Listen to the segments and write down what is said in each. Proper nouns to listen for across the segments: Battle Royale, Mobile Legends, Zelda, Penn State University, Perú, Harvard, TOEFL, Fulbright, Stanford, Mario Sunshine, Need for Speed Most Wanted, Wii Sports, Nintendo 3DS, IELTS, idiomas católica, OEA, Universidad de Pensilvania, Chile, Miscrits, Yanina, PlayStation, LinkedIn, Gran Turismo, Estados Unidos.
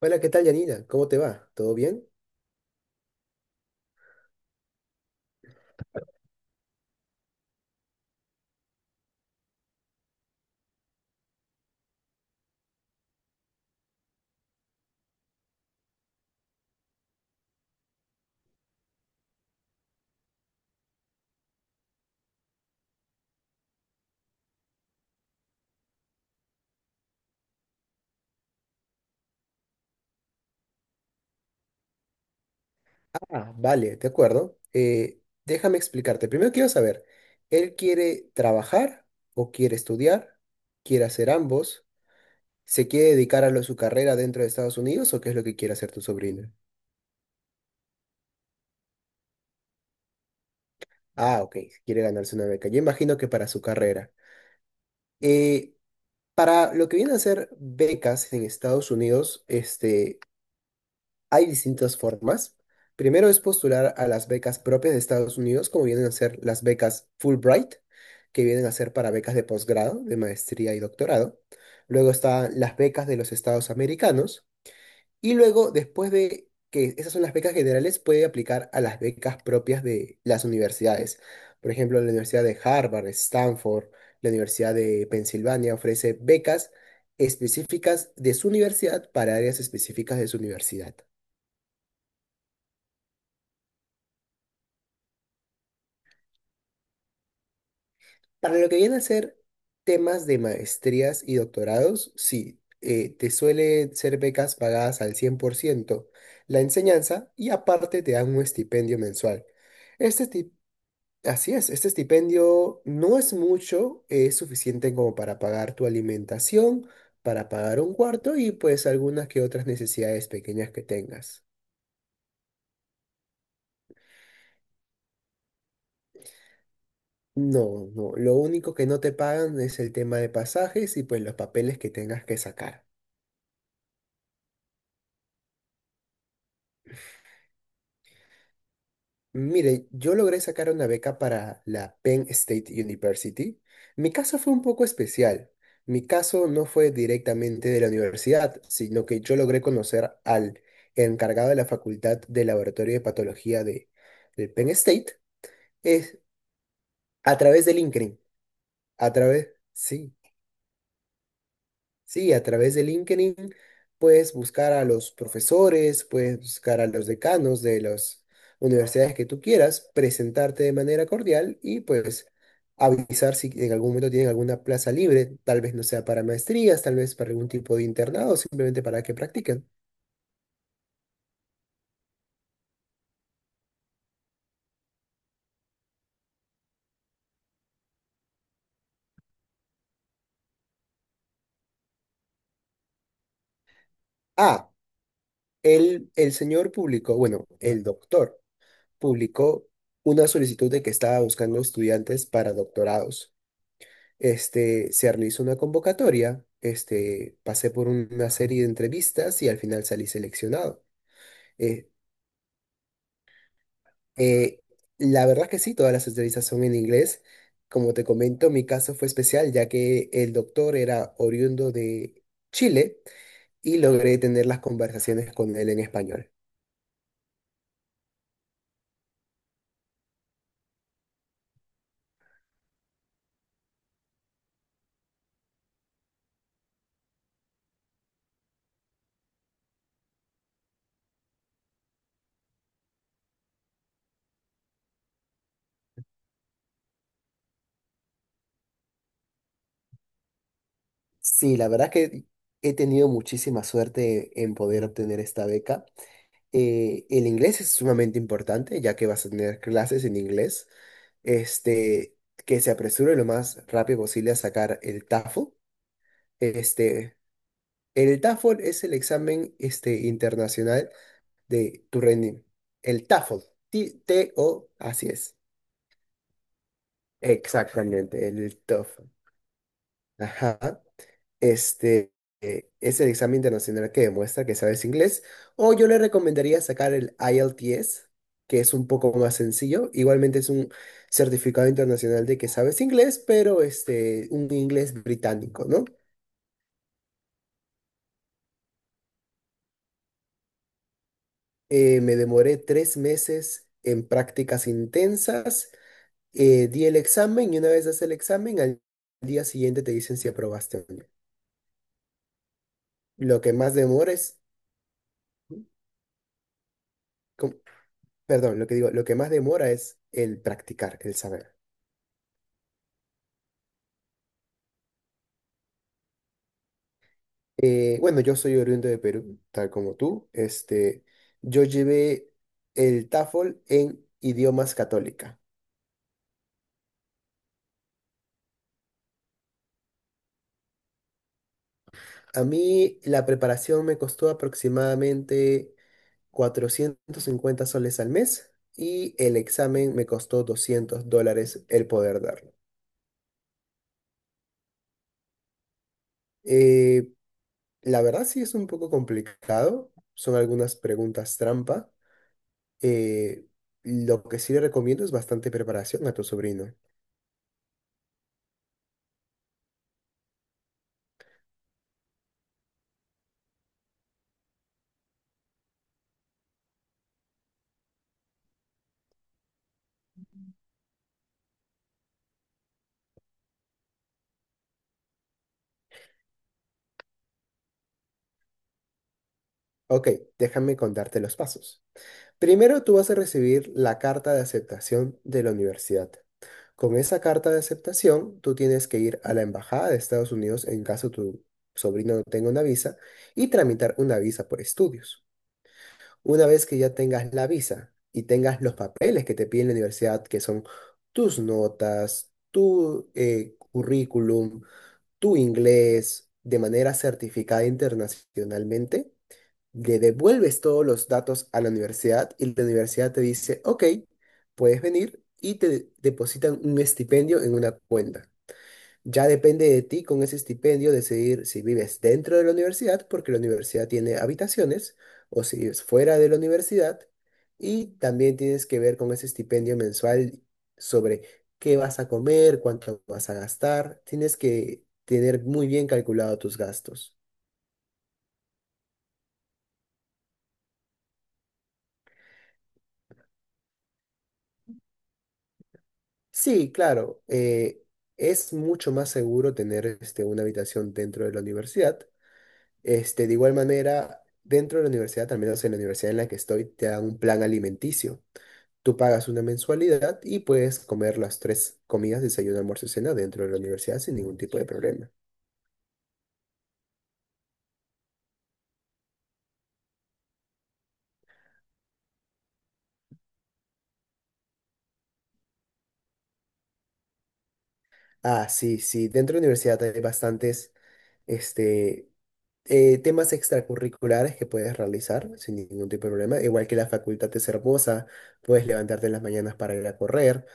Hola, ¿qué tal, Yanina? ¿Cómo te va? ¿Todo bien? Ah, vale, de acuerdo. Déjame explicarte. Primero quiero saber, ¿él quiere trabajar o quiere estudiar? ¿Quiere hacer ambos? ¿Se quiere dedicar a su carrera dentro de Estados Unidos o qué es lo que quiere hacer tu sobrina? Ah, ok, quiere ganarse una beca. Yo imagino que para su carrera. Eh, para lo que vienen a ser becas en Estados Unidos, hay distintas formas. Primero es postular a las becas propias de Estados Unidos, como vienen a ser las becas Fulbright, que vienen a ser para becas de posgrado, de maestría y doctorado. Luego están las becas de los Estados americanos. Y luego, después de que esas son las becas generales, puede aplicar a las becas propias de las universidades. Por ejemplo, la Universidad de Harvard, Stanford, la Universidad de Pensilvania ofrece becas específicas de su universidad para áreas específicas de su universidad. Para lo que viene a ser temas de maestrías y doctorados, sí, te suelen ser becas pagadas al 100%, la enseñanza y aparte te dan un estipendio mensual. Este esti- Así es, este estipendio no es mucho, es suficiente como para pagar tu alimentación, para pagar un cuarto y pues algunas que otras necesidades pequeñas que tengas. No, no, lo único que no te pagan es el tema de pasajes y pues los papeles que tengas que sacar. Mire, yo logré sacar una beca para la Penn State University. Mi caso fue un poco especial. Mi caso no fue directamente de la universidad, sino que yo logré conocer al encargado de la Facultad de Laboratorio de Patología de Penn State, es, a través de LinkedIn. A través, sí, sí, a través de LinkedIn puedes buscar a los profesores, puedes buscar a los decanos de las universidades que tú quieras, presentarte de manera cordial y pues avisar si en algún momento tienen alguna plaza libre, tal vez no sea para maestrías, tal vez para algún tipo de internado, simplemente para que practiquen. Ah, el señor publicó, bueno, el doctor publicó una solicitud de que estaba buscando estudiantes para doctorados. Se realizó una convocatoria, pasé por una serie de entrevistas y al final salí seleccionado. Eh, eh, la verdad que sí, todas las entrevistas son en inglés. Como te comento, mi caso fue especial ya que el doctor era oriundo de Chile y logré tener las conversaciones con él en español. Sí, la verdad que he tenido muchísima suerte en poder obtener esta beca. El inglés es sumamente importante, ya que vas a tener clases en inglés. este, que se apresure lo más rápido posible a sacar el TOEFL. Este, el TOEFL es el examen internacional de tu rendimiento. El TOEFL, T- T-O, así es. Exactamente, el TOEFL. Ajá. Este es el examen internacional que demuestra que sabes inglés. O yo le recomendaría sacar el IELTS, que es un poco más sencillo. Igualmente es un certificado internacional de que sabes inglés, pero un inglés británico, ¿no? Me demoré 3 meses en prácticas intensas. Di el examen y una vez das el examen, al día siguiente te dicen si aprobaste o no. Lo que más demora es. ¿Cómo? Perdón, lo que digo, lo que más demora es el practicar, el saber. Bueno, yo soy oriundo de Perú, tal como tú. Yo llevé el TOEFL en idiomas católica. A mí la preparación me costó aproximadamente 450 soles al mes y el examen me costó $200 el poder darlo. Eh, la verdad sí es un poco complicado, son algunas preguntas trampa. Eh, lo que sí le recomiendo es bastante preparación a tu sobrino. Ok, déjame contarte los pasos. Primero tú vas a recibir la carta de aceptación de la universidad. Con esa carta de aceptación, tú tienes que ir a la embajada de Estados Unidos en caso tu sobrino no tenga una visa y tramitar una visa por estudios. Una vez que ya tengas la visa y tengas los papeles que te piden la universidad, que son tus notas, tu currículum, tu inglés de manera certificada internacionalmente, le devuelves todos los datos a la universidad y la universidad te dice, ok, puedes venir y te depositan un estipendio en una cuenta. Ya depende de ti con ese estipendio decidir si vives dentro de la universidad, porque la universidad tiene habitaciones, o si vives fuera de la universidad. Y también tienes que ver con ese estipendio mensual sobre qué vas a comer, cuánto vas a gastar. Tienes que tener muy bien calculado tus gastos. Sí, claro. Es mucho más seguro tener una habitación dentro de la universidad. De igual manera, dentro de la universidad, al menos en la universidad en la que estoy, te dan un plan alimenticio. Tú pagas una mensualidad y puedes comer las tres comidas, desayuno, almuerzo y cena dentro de la universidad sin ningún tipo de problema. Ah, sí, sí. Dentro de la universidad hay bastantes, este, temas extracurriculares que puedes realizar sin ningún tipo de problema, igual que la facultad es hermosa, puedes levantarte en las mañanas para ir a correr.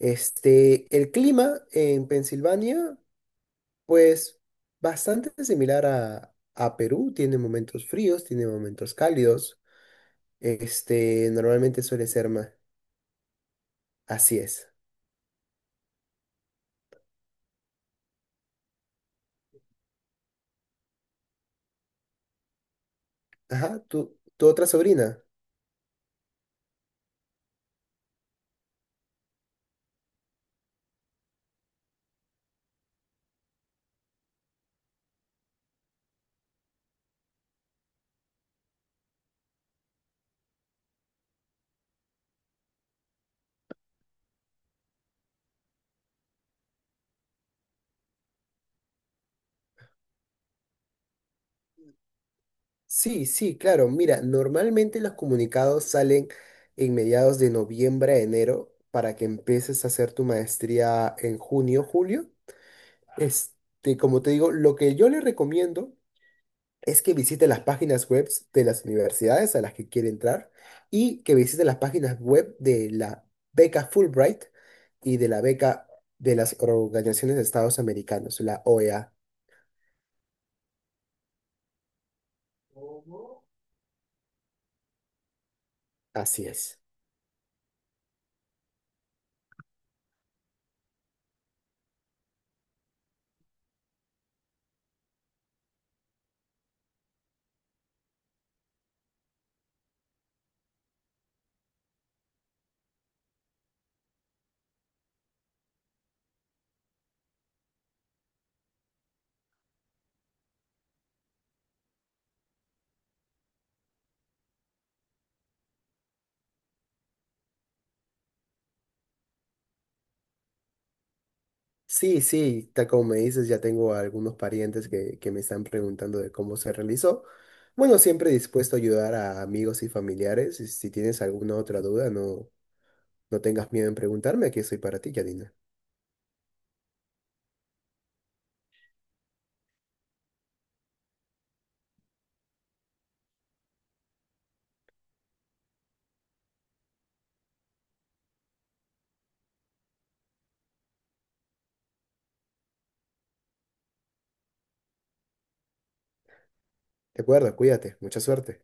El clima en Pensilvania, pues bastante similar a Perú, tiene momentos fríos, tiene momentos cálidos, normalmente suele ser más, así es. Ajá, tu otra sobrina. Sí, sí, claro. Mira, normalmente los comunicados salen en mediados de noviembre a enero para que empieces a hacer tu maestría en junio, julio. Como te digo, lo que yo le recomiendo es que visite las páginas web de las universidades a las que quiere entrar y que visite las páginas web de la beca Fulbright y de la beca de las organizaciones de Estados Americanos, la OEA. Así es. Sí, sí, tal como me dices, ya tengo a algunos parientes que me están preguntando de cómo se realizó. Bueno, siempre dispuesto a ayudar a amigos y familiares. Y si tienes alguna otra duda, no, no tengas miedo en preguntarme, aquí estoy para ti, Yadina. De acuerdo, cuídate, mucha suerte.